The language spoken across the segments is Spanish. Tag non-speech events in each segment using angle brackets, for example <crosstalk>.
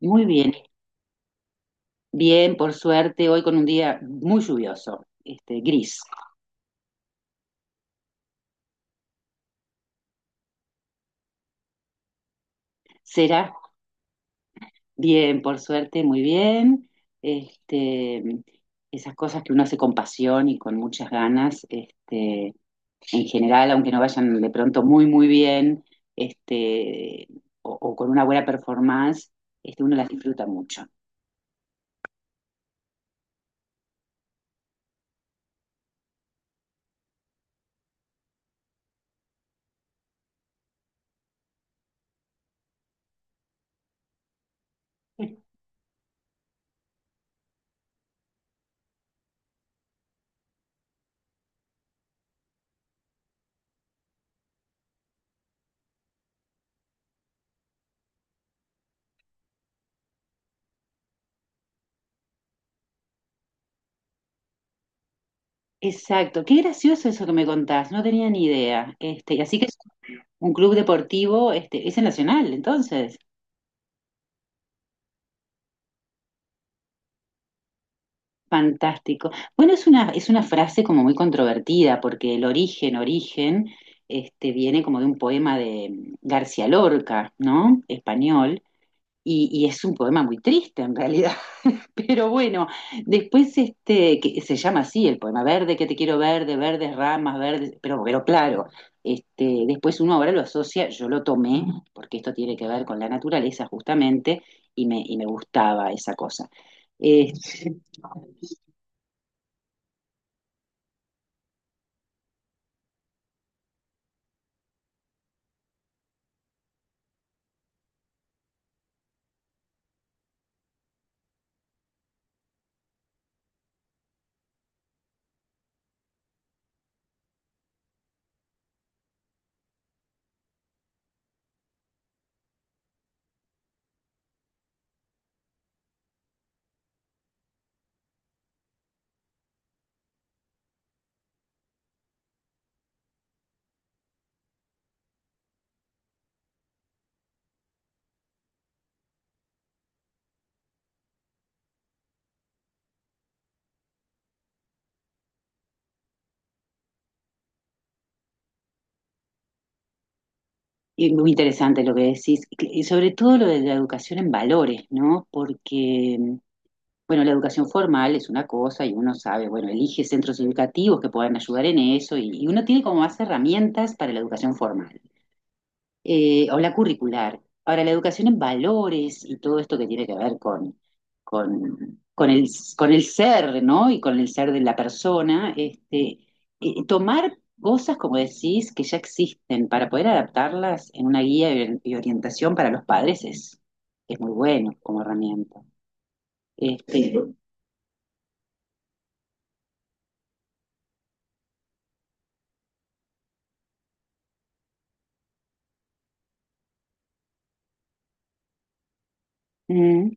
Muy bien, bien, por suerte, hoy con un día muy lluvioso, gris. ¿Será? Bien, por suerte, muy bien. Este, Esas cosas que uno hace con pasión y con muchas ganas, en general, aunque no vayan de pronto muy bien, este, o con una buena performance, uno las disfruta mucho. Exacto, qué gracioso eso que me contás, no tenía ni idea. Y así que es un club deportivo, es el Nacional, entonces. Fantástico. Bueno, es una frase como muy controvertida, porque el origen, viene como de un poema de García Lorca, ¿no? Español, y es un poema muy triste en realidad, <laughs> pero bueno, después que se llama así el poema, verde que te quiero verde, verdes ramas, verdes, pero claro, después uno ahora lo asocia, yo lo tomé, porque esto tiene que ver con la naturaleza justamente, y me gustaba esa cosa. Este, Y muy interesante lo que decís, y sobre todo lo de la educación en valores, ¿no? Porque, bueno, la educación formal es una cosa y uno sabe, bueno, elige centros educativos que puedan ayudar en eso y uno tiene como más herramientas para la educación formal o la curricular. Ahora, la educación en valores y todo esto que tiene que ver con, con el, con el ser, ¿no? Y con el ser de la persona, tomar cosas, como decís, que ya existen para poder adaptarlas en una guía y orientación para los padres es muy bueno como herramienta. Sí. Mm,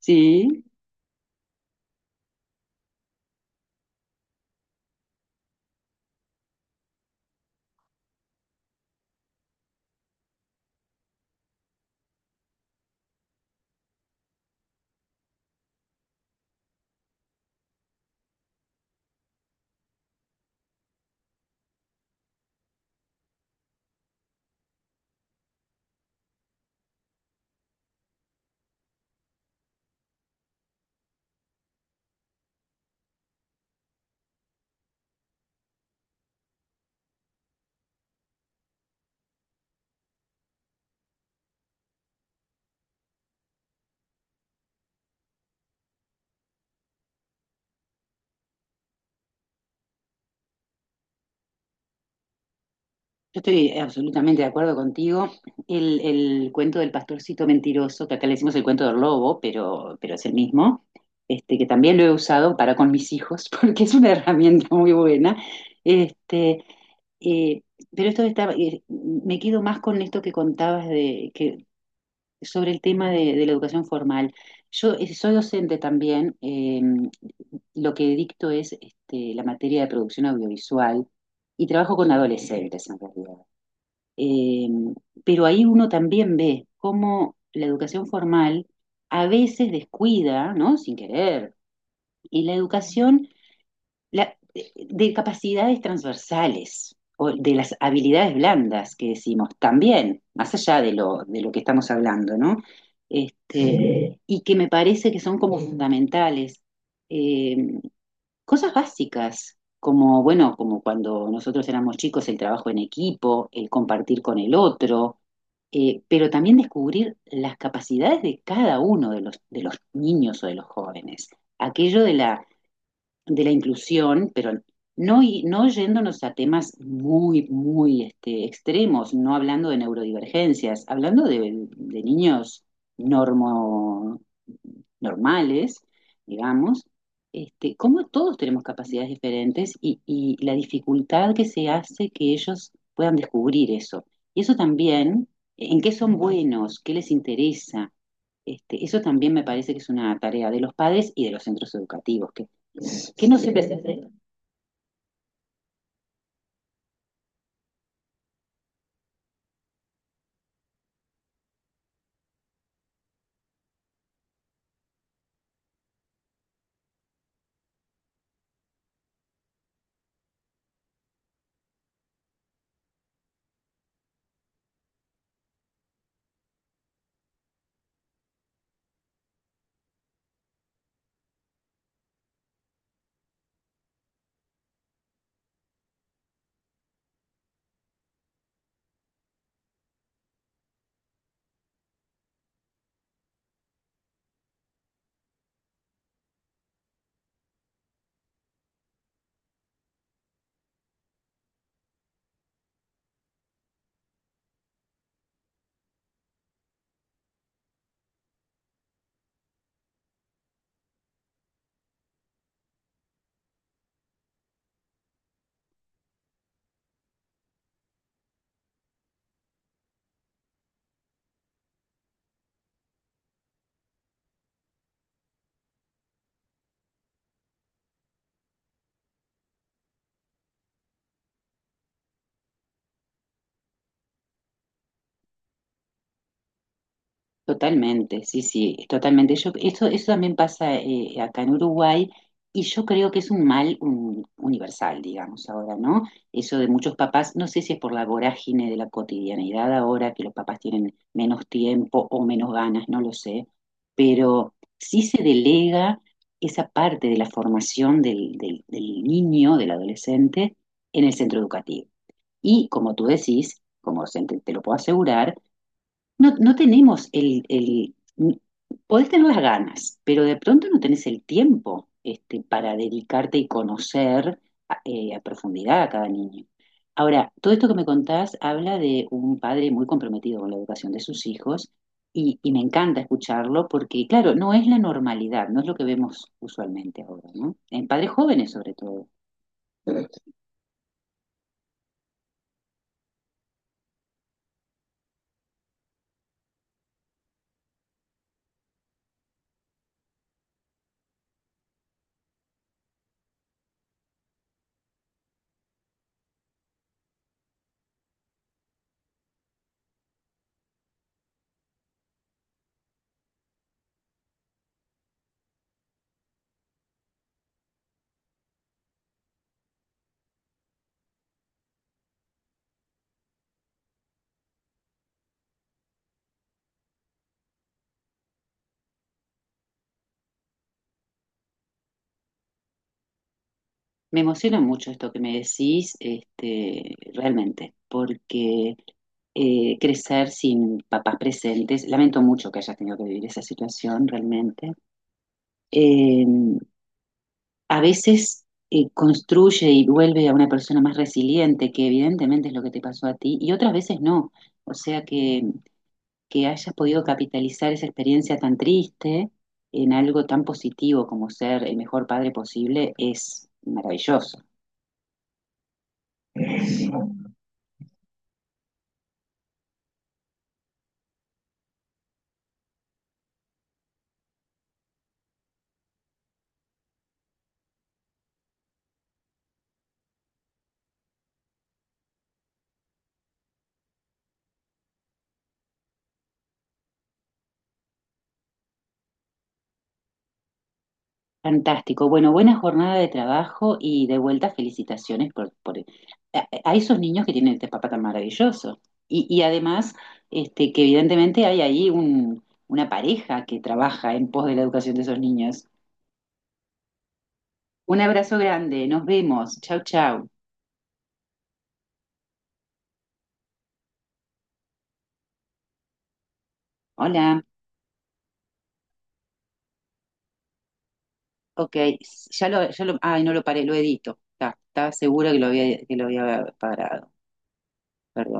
<laughs> sí. Yo estoy absolutamente de acuerdo contigo. El cuento del pastorcito mentiroso, que acá le decimos el cuento del lobo, pero es el mismo, que también lo he usado para con mis hijos, <laughs> porque es una herramienta muy buena. Este, eh, pero esto está, me quedo más con esto que contabas sobre el tema de la educación formal. Yo soy docente también, lo que dicto es la materia de producción audiovisual y trabajo con adolescentes en realidad. Eh, pero ahí uno también ve cómo la educación formal a veces descuida, ¿no? Sin querer, y la educación la- de capacidades transversales o de las habilidades blandas que decimos también, más allá de lo que estamos hablando, ¿no? Y que me parece que son como fundamentales. Eh, Cosas básicas, como, bueno, como cuando nosotros éramos chicos, el trabajo en equipo, el compartir con el otro, pero también descubrir las capacidades de cada uno de los niños o de los jóvenes. Aquello de la inclusión, pero no, no yéndonos a temas muy extremos, no hablando de neurodivergencias, hablando de niños normo, normales, digamos, cómo todos tenemos capacidades diferentes y la dificultad que se hace que ellos puedan descubrir eso. Y eso también, en qué son buenos, qué les interesa. Eso también me parece que es una tarea de los padres y de los centros educativos, que no siempre se hace. Totalmente, sí, sí, totalmente. Yo, eso también pasa acá en Uruguay y yo creo que es un mal universal, digamos, ahora, ¿no? Eso de muchos papás, no sé si es por la vorágine de la cotidianidad ahora, que los papás tienen menos tiempo o menos ganas, no lo sé, pero sí se delega esa parte de la formación del niño, del adolescente, en el centro educativo. Y como tú decís, te lo puedo asegurar, no, no tenemos podés tener las ganas, pero de pronto no tenés el tiempo para dedicarte y conocer a profundidad a cada niño. Ahora, todo esto que me contás habla de un padre muy comprometido con la educación de sus hijos y me encanta escucharlo porque, claro, no es la normalidad, no es lo que vemos usualmente ahora, ¿no? En padres jóvenes sobre todo. Me emociona mucho esto que me decís, realmente, porque crecer sin papás presentes, lamento mucho que hayas tenido que vivir esa situación realmente, eh, a veces construye y vuelve a una persona más resiliente, que evidentemente es lo que te pasó a ti, y otras veces no. O sea que hayas podido capitalizar esa experiencia tan triste en algo tan positivo como ser el mejor padre posible es maravilloso. Fantástico. Bueno, buena jornada de trabajo y de vuelta felicitaciones por a esos niños que tienen este papá tan maravilloso. Y además, que evidentemente hay ahí un, una pareja que trabaja en pos de la educación de esos niños. Un abrazo grande, nos vemos. Chau, chau. Hola. Ok, no lo paré, lo edito. Estaba segura que lo había parado. Perdón.